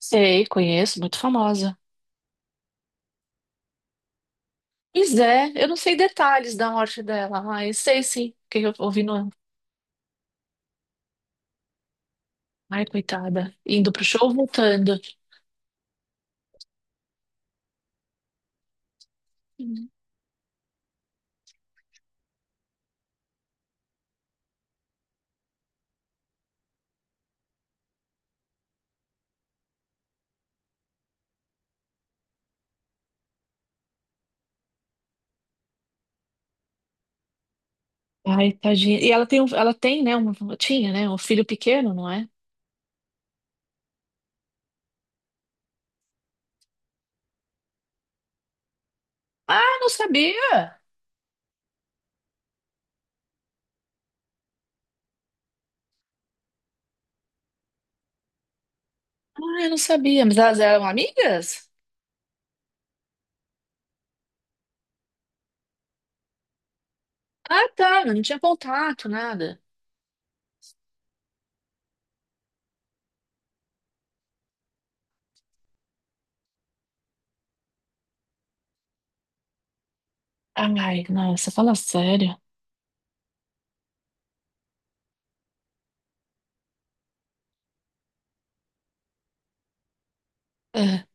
Sei, conheço, muito famosa. Pois é, eu não sei detalhes da morte dela, mas sei sim, que eu ouvi no... Ai, coitada, indo pro show, voltando. Hum. Ai, tadinha. E ela tem, um, ela tem, né, uma, tinha, né, um filho pequeno, não é? Ah, não sabia. Ah, eu não sabia, mas elas eram amigas? Ah, tá, não tinha contato, nada. Ai, nossa, fala sério. Ah,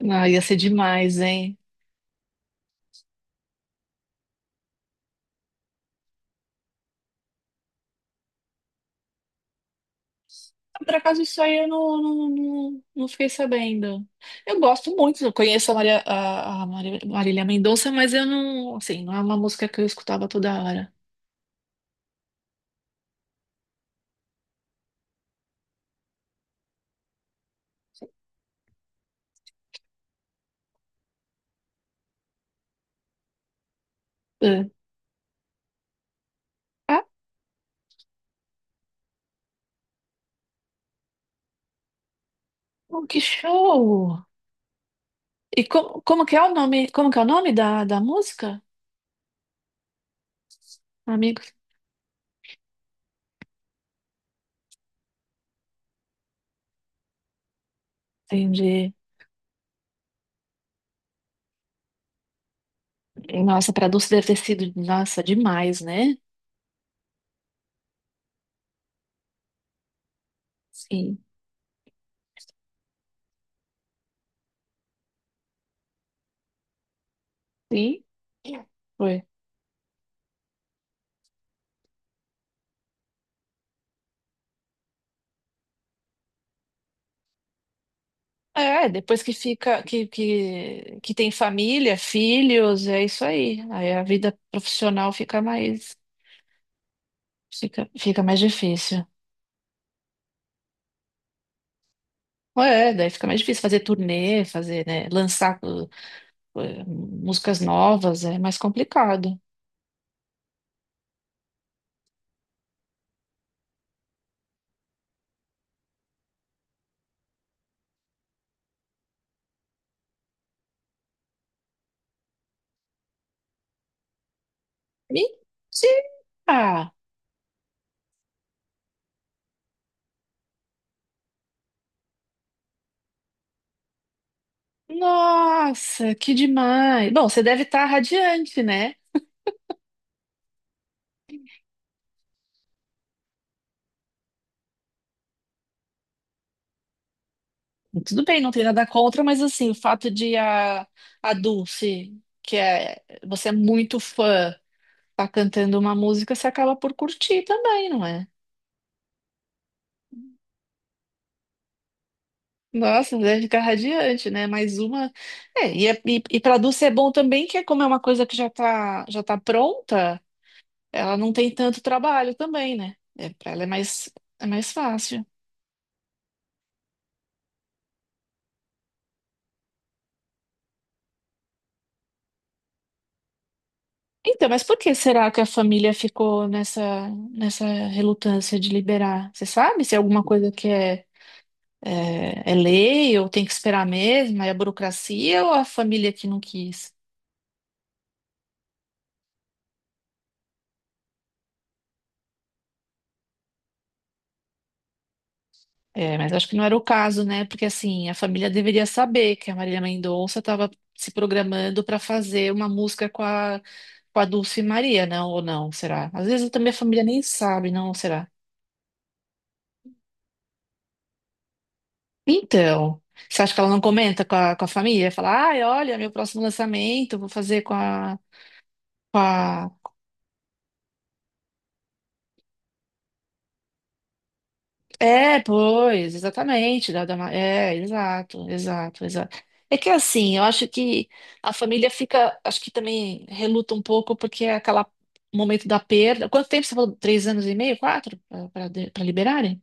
não, ia ser demais, hein? Por acaso isso aí eu não, não fiquei sabendo. Eu gosto muito, eu conheço a Maria, a Maria- Marília Mendonça, mas eu não, assim, não é uma música que eu escutava toda hora. É. Ah, que show! E como, como que é o nome, como que é o nome da música? Amigo, entendi. Nossa, para Dulce deve ter sido, nossa, demais, né? Sim. Sim. Foi. É, depois que fica, que tem família, filhos, é isso aí. Aí a vida profissional fica mais, fica, fica mais difícil. É, daí fica mais difícil fazer turnê, fazer, né, lançar uh, músicas novas, é mais complicado. Mentira! Nossa, que demais! Bom, você deve estar radiante, né? Tudo bem, não tem nada contra, mas assim, o fato de a Dulce, que é, você é muito fã, tá cantando uma música, você acaba por curtir também, não é? Nossa, deve ficar radiante, né? Mais uma. É, e, é- e para Dulce é bom também, que é como é uma coisa que já tá pronta, ela não tem tanto trabalho também, né? É, para ela é mais fácil. Então, mas por que será que a família ficou nessa, nessa relutância de liberar? Você sabe se é alguma coisa que é, é, é lei ou tem que esperar mesmo, é a burocracia ou a família que não quis? É, mas acho que não era o caso, né? Porque assim, a família deveria saber que a Marília Mendonça estava se programando para fazer uma música com a Dulce Maria, não? Ou não? Será? Às vezes também a família nem sabe, não? Será? Então, você acha que ela não comenta com a família? Fala, ai, olha, meu próximo lançamento, vou fazer com a, com a... É, pois, exatamente. Da, da, ma- é, exato, exato, exato. É que assim, eu acho que a família fica, acho que também reluta um pouco porque é aquele momento da perda. Quanto tempo você falou? Três anos e meio, quatro? Para liberarem?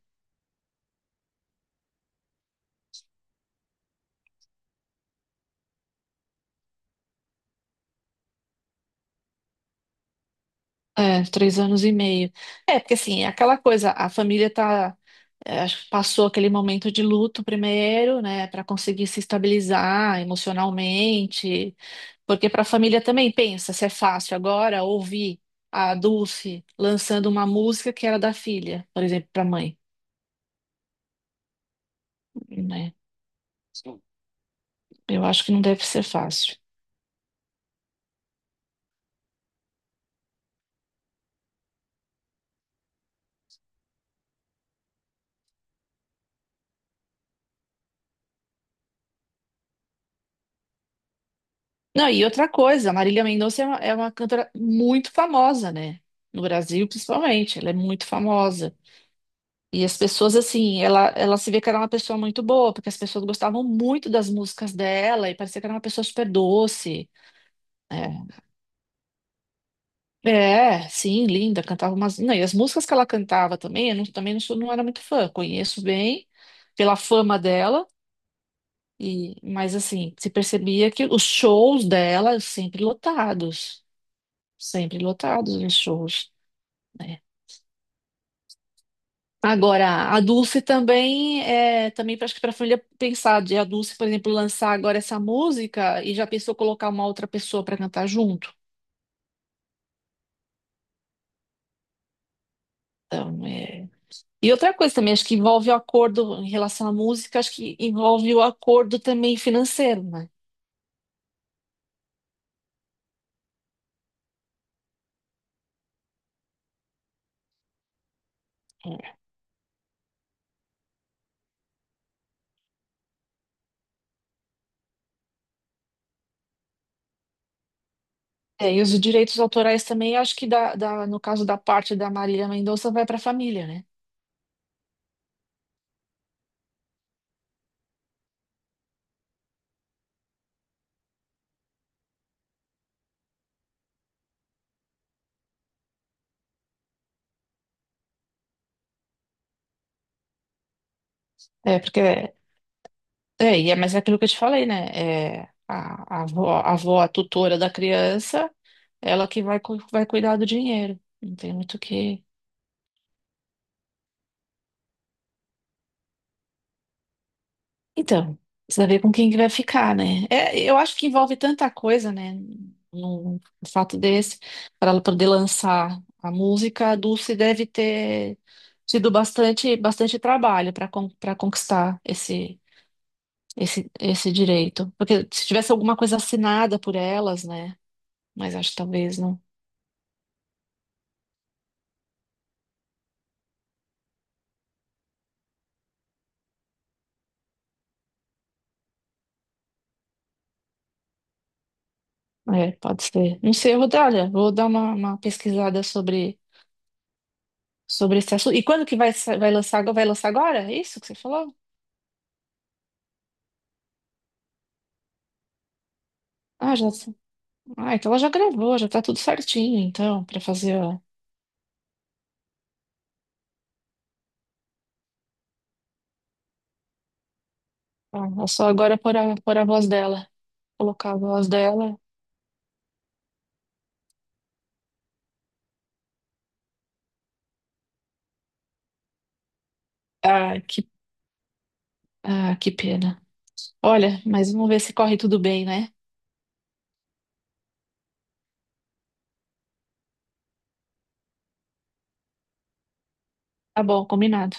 É, três anos e meio. É, porque assim, é aquela coisa, a família tá, é, acho que passou aquele momento de luto primeiro, né, para conseguir se estabilizar emocionalmente, porque para a família também pensa se é fácil agora ouvir a Dulce lançando uma música que era da filha, por exemplo, para a mãe, né? Eu acho que não deve ser fácil. Não, e outra coisa, a Marília Mendonça é uma cantora muito famosa, né? No Brasil, principalmente, ela é muito famosa. E as pessoas, assim, ela se vê que era uma pessoa muito boa, porque as pessoas gostavam muito das músicas dela e parecia que era uma pessoa super doce. É, é sim, linda, cantava umas. Não, e as músicas que ela cantava também, eu não, também não, sou, não era muito fã, conheço bem pela fama dela, e mas assim, se percebia que os shows dela sempre lotados os shows. Né? Agora, a Dulce também é também acho que para a família pensar de a Dulce, por exemplo, lançar agora essa música e já pensou colocar uma outra pessoa para cantar junto. Então, é... E outra coisa também, acho que envolve o acordo em relação à música, acho que envolve o acordo também financeiro, né? É, e os direitos autorais também, acho que da, da- no caso da parte da Marília Mendonça vai para a família, né? É, porque. É, e é, mas é aquilo que eu te falei, né? É, a avó, a avó, a tutora da criança. Ela que vai, cu- vai cuidar do dinheiro. Não tem muito o que. Então, precisa ver com quem que vai ficar, né? É, eu acho que envolve tanta coisa, né? Num fato desse, para ela poder lançar a música, a Dulce deve ter tido bastante, bastante trabalho para para conquistar esse, esse, esse direito. Porque se tivesse alguma coisa assinada por elas, né? Mas acho que talvez não. É, pode ser. Não sei, eu vou dar, olha, vou dar uma pesquisada sobre sobre esse assunto. E quando que vai, sa- vai lançar, agora- vai lançar agora? É isso que você falou? Ah, já, ah, então ela já gravou, já tá tudo certinho, então, para fazer a- é só agora pôr a, pôr a voz dela, colocar a voz dela. Ah, que, ah, que pena. Olha, mas vamos ver se corre tudo bem, né? Tá bom, combinado.